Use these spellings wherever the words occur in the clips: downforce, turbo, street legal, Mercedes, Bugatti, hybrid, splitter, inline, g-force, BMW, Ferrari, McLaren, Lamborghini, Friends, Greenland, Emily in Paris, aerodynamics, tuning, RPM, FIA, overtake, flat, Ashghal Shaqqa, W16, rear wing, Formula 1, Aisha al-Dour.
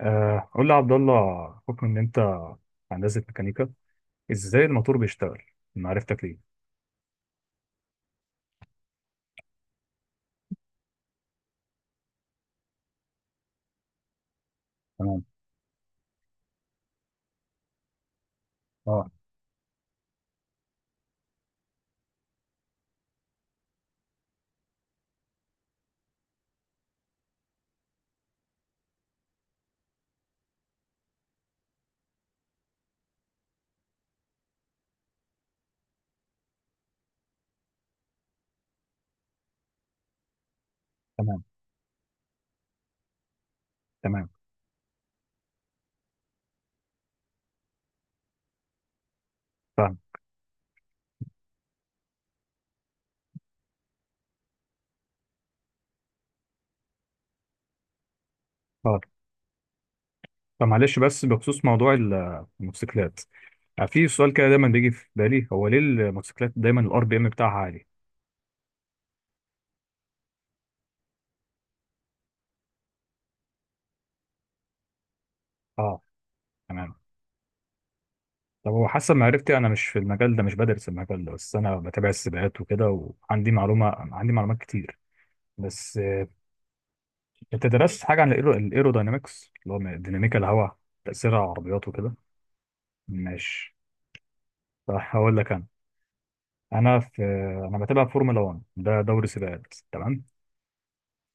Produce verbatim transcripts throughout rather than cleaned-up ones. آه، قول لي يا عبد الله، بحكم ان انت هندسه ميكانيكا، ازاي الموتور بيشتغل؟ انا عرفتك ليه. تمام. اه. تمام. تمام. فاهم. اه. فمعلش، بس بخصوص موضوع ال- الموتوسيكلات، آه، في سؤال كده دايما بيجي في بالي، هو ليه الموتوسيكلات دايما الار بي ام بتاعها عالي؟ اه. تمام. طب هو حسب معرفتي انا مش في المجال ده، مش بدرس المجال ده، بس انا بتابع السباقات وكده، وعندي معلومه، عندي معلومات كتير، بس آه، انت درست حاجه عن الايرو الايروداينامكس، اللي هو ديناميكا الهواء، تاثير على العربيات وكده؟ ماشي. صح، هقول لك. انا انا في انا بتابع فورمولا واحد، ده دوري سباقات، تمام.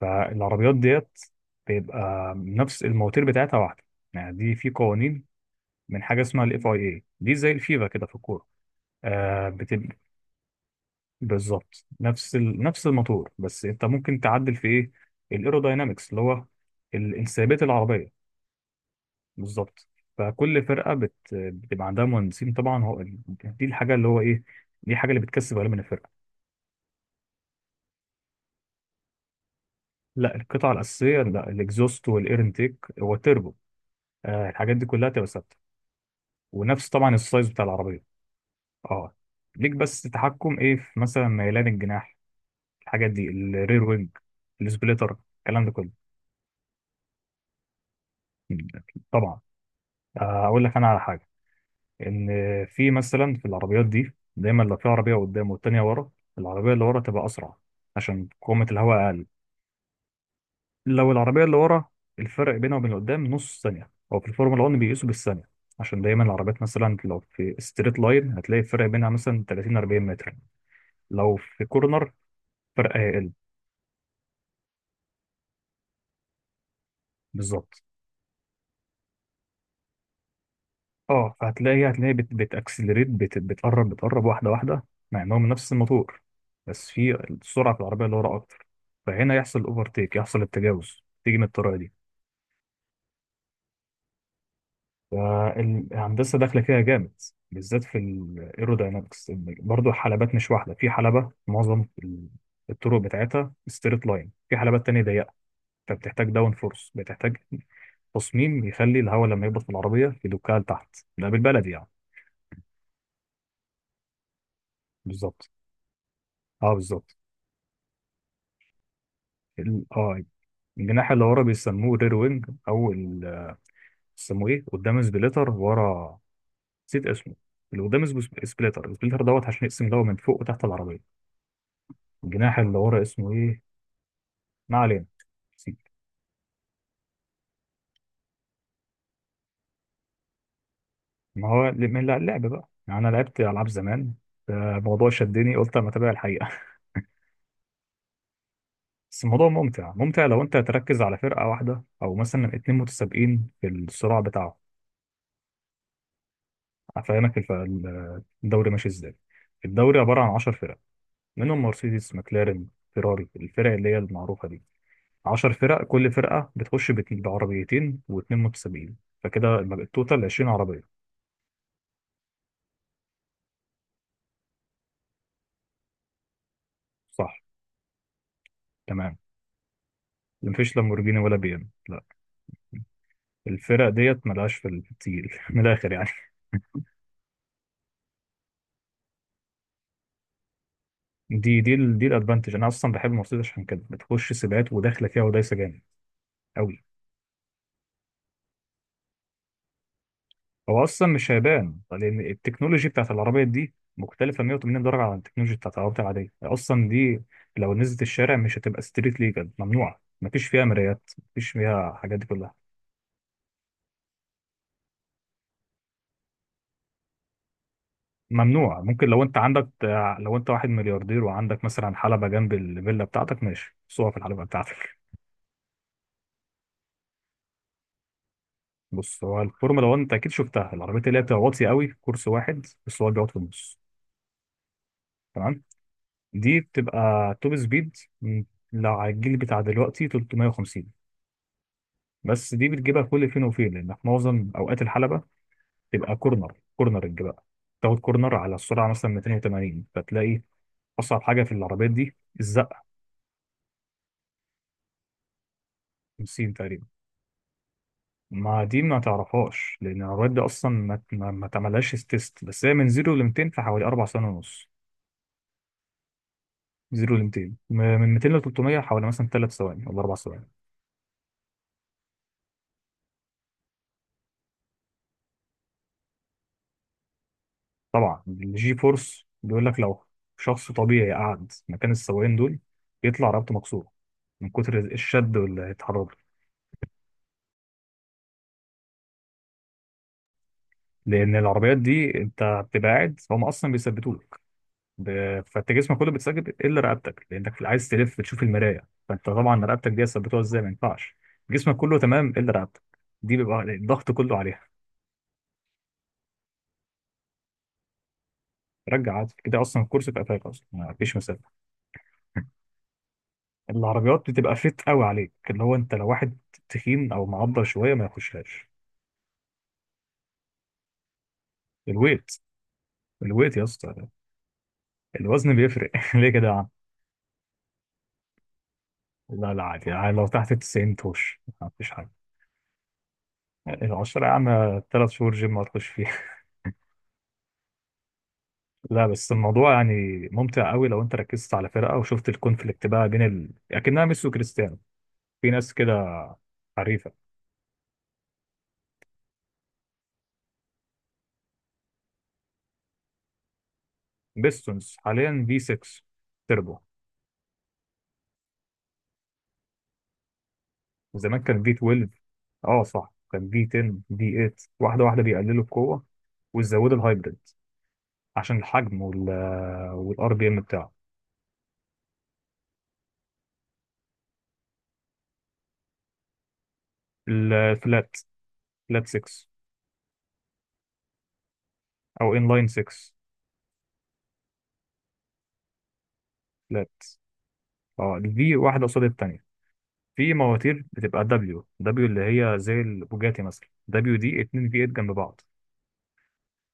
فالعربيات ديت بيبقى نفس المواتير، بتاعتها واحده. يعني دي في قوانين من حاجه اسمها الاف اي اي دي، زي الفيفا كده في الكوره. آه بتبقى بالظبط، نفس ال... نفس الموتور، بس انت ممكن تعدل في ايه؟ الايروداينامكس، اللي هو ال- انسيابيه العربيه. بالظبط. فكل فرقه بت... بتبقى عندها مهندسين، طبعا هو دي الحاجه اللي هو ايه، دي الحاجه اللي بتكسب غالبا الفرقه. لا، القطعة الأساسية، لا، الإكزوست والإير انتيك والتربو، آه الحاجات دي كلها تبقى ثابتة، ونفس طبعا السايز بتاع العربية. اه، ليك بس تحكم إيه في مثلا ميلان الجناح، الحاجات دي، الرير وينج، السبليتر، الكلام ده كله. مم. طبعا. آه، أقول لك أنا على حاجة، إن في، مثلا، في العربيات دي دايما، لو في عربية قدام والتانية ورا، العربية اللي ورا تبقى أسرع، عشان قوة الهواء أقل. لو العربية اللي ورا، الفرق بينها وبين اللي قدام نص ثانية، هو في الفورمولا واحد بيقيسوا بالثانية. عشان دايما العربيات، مثلا لو في ستريت لاين، هتلاقي الفرق بينها مثلا تلاتين اربعين متر. لو في كورنر، فرق هيقل. بالظبط. اه، فهتلاقي هتلاقي بت بتأكسلريت، بت بتقرب، بتقرب واحدة واحدة، مع انهم نفس الموتور، بس في السرعة في العربية اللي ورا أكتر. فهنا يحصل أوفرتيك، يحصل التجاوز، تيجي من الطريقة دي. فالهندسة داخلة فيها جامد، بالذات في الايروداينامكس. برضه الحلبات مش واحدة، في حلبة معظم ال- الطرق بتاعتها ستريت لاين، في حلبات تانية ضيقة، فبتحتاج داون فورس، بتحتاج تصميم يخلي الهواء لما يخبط في العربية يدكها لتحت، ده بالبلدي يعني. بالظبط. اه، بالظبط. ال- اه الجناح اللي ورا بيسموه رير وينج، او ال- بيسموه ايه، قدام سبليتر، ورا نسيت اسمه. اللي قدام اسمه سب- سبليتر. السبليتر دوت عشان يقسم الهواء من فوق وتحت العربية. الجناح اللي ورا اسمه ايه؟ ما علينا، سيب. ما هو ل- من اللعب بقى، يعني انا لعبت العاب زمان، الموضوع شدني، قلت اما اتابع الحقيقه. بس الموضوع ممتع ممتع، لو انت تركز على فرقه واحده، او مثلا اتنين متسابقين في الصراع بتاعه. افهمك الف- ال- الدوري ماشي ازاي. الدوري عباره عن عشر فرق، منهم مرسيدس، مكلارن، فيراري، الفرق اللي هي المعروفه دي. عشر فرق، كل فرقه بتخش بت- بعربيتين واتنين متسابقين، فكده يبقى التوتال عشرين عربيه. صح. تمام. مفيش لامبورجيني ولا بي ام، لا. الفرق ديت ملهاش في التقيل من الاخر يعني. دي دي ال- دي الادفانتج، انا اصلا بحب مرسيدس عشان كده، بتخش سباقات وداخله فيها ودايسه جامد قوي. هو اصلا مش هيبان، لان التكنولوجي بتاعت العربيه دي مختلفه مئة وثمانين درجه عن التكنولوجي بتاعت العربيه العاديه اصلا دي. لو نزلت الشارع مش هتبقى ستريت ليجل، ممنوعه، مفيش فيها مرايات، مفيش فيها الحاجات دي كلها. ممنوعه، ممكن لو انت عندك لو انت واحد ملياردير وعندك مثلا حلبه جنب الفيلا بتاعتك، ماشي صور في الحلبه بتاعتك. بص، هو الفورمولا واحد انت اكيد شفتها، العربيات اللي هي بتبقى واطيه قوي، في كورس واحد بس هو بيقعد في النص. تمام. دي بتبقى توب سبيد، م، لو على الجيل بتاع دلوقتي تلتميه وخمسين. بس دي بتجيبها كل فين وفين، لان في معظم اوقات الحلبه تبقى كورنر، كورنر بقى تاخد كورنر على السرعه مثلا ميتين وتمانين فتلاقي. اصعب حاجه في العربيات دي الزقه. خمسين تقريبا. ما دي ما تعرفهاش لان العربيات دي اصلا ما ما ما تعملهاش تيست، بس هي من صفر ل ميتين في حوالي اربع سنين ونص. صفر ل مئتين، م- من ميتين ل ثلاثمئة حوالي مثلا ثلاث ثواني ولا أربع ثواني. طبعا الجي فورس، بيقول لك لو شخص طبيعي قعد مكان السواقين دول يطلع رقبته مكسوره من كتر الشد واللي هيتحرك له. لان العربيات دي انت بتبقى قاعد، هم اصلا بيثبتوا لك ب... فانت جسمك كله بيتثبت الا رقبتك، لانك عايز تلف تشوف المرايه، فانت طبعا رقبتك دي ثبتوها ازاي، ما ينفعش جسمك كله تمام الا رقبتك. دي بيبقى الضغط كله عليها. رجع عادي كده، اصلا الكرسي في قفاك، اصلا ما فيش مسافه. العربيات بتبقى فيت قوي عليك، اللي هو انت لو واحد تخين او معضل شويه ما يخشهاش. الويت، الويت يا اسطى، الوزن بيفرق ليه كده يا عم؟ لا، لا، عادي يعني، لو تحت ال تسعين تخش ما فيش حاجه. العشرة يا عم، ثلاث شهور جيم ما تخش فيها. لا، بس الموضوع يعني ممتع قوي، لو انت ركزت على فرقه وشفت الكونفليكت بقى بين ال... اكنها ميسي وكريستيانو، في ناس كده حريفه. بيستونز حاليا في ستة تربو، وزمان كان في اتناشر. اه صح، كان في عشرة، في تمانية، واحده واحده بيقللوا القوه ويزودوا الهايبريد عشان الحجم وال والار بي ام بتاعه. الفلات فلات ستة او ان لاين ستة. فلات، اه الفي واحده قصاد الثانيه. في مواتير بتبقى دبليو دبليو، اللي هي زي البوجاتي مثلا، دبليو دي اتنين في تمانية جنب بعض،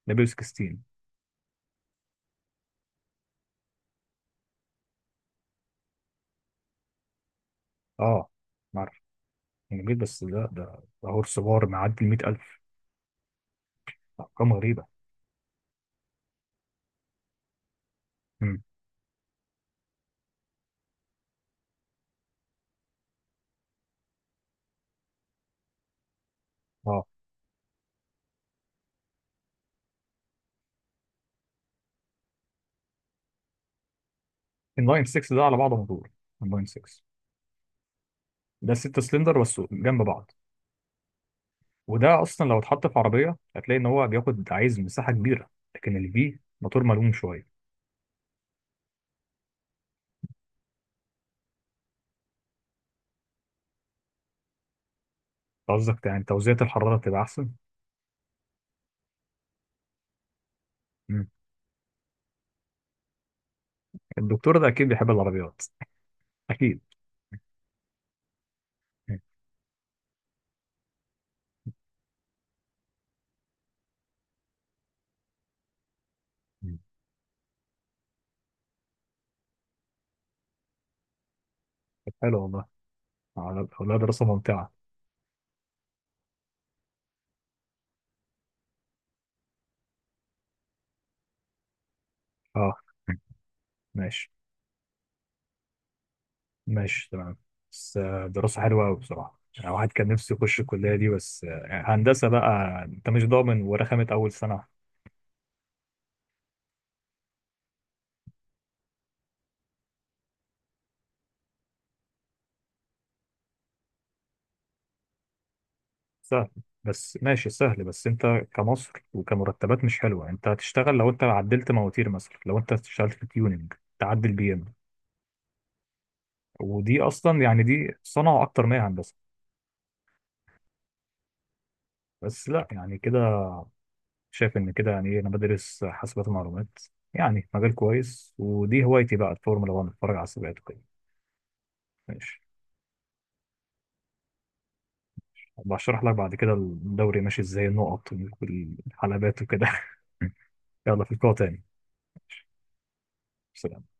دبليو ستاشر. اه، عارف، جميل، بس ده ده ده هورس باور معدي ال ميت الف. ارقام غريبه. امم اه ان لاين ستة ده على بعضه موتور. ان لاين ستة ده ست سلندر بس جنب بعض، وده اصلا لو اتحط في عربيه هتلاقي ان هو بياخد عايز مساحه كبيره. لكن الفي موتور ملوم شويه. قصدك يعني توزيعة الحراره تبقى احسن؟ مم. الدكتور ده اكيد بيحب العربيات. اكيد. مم. طب حلو والله، على- والله دراسه ممتعه. اه. مم. ماشي. ماشي. تمام. بس آه، دراسه حلوه قوي بصراحه، يعني واحد كان نفسه يخش الكليه دي، بس آه، هندسه بقى انت مش ضامن، ورخمت اول سنه. سهل. بس ماشي، سهل. بس انت كمصر وكمرتبات مش حلوه، انت هتشتغل لو انت عدلت مواتير، مثلا لو انت اشتغلت في تيوننج، تعدل بي ام، ودي اصلا يعني دي صنعه اكتر ما هي هندسه. بس لا يعني كده، شايف ان كده يعني ايه، انا بدرس حاسبات ومعلومات، يعني مجال كويس، ودي هوايتي بقى الفورمولا واحد، اتفرج على السباقات وكده. ماشي. بشرح لك بعد كده الدوري ماشي ازاي، النقط والحلبات وكده يلا في القوة تاني. سلام.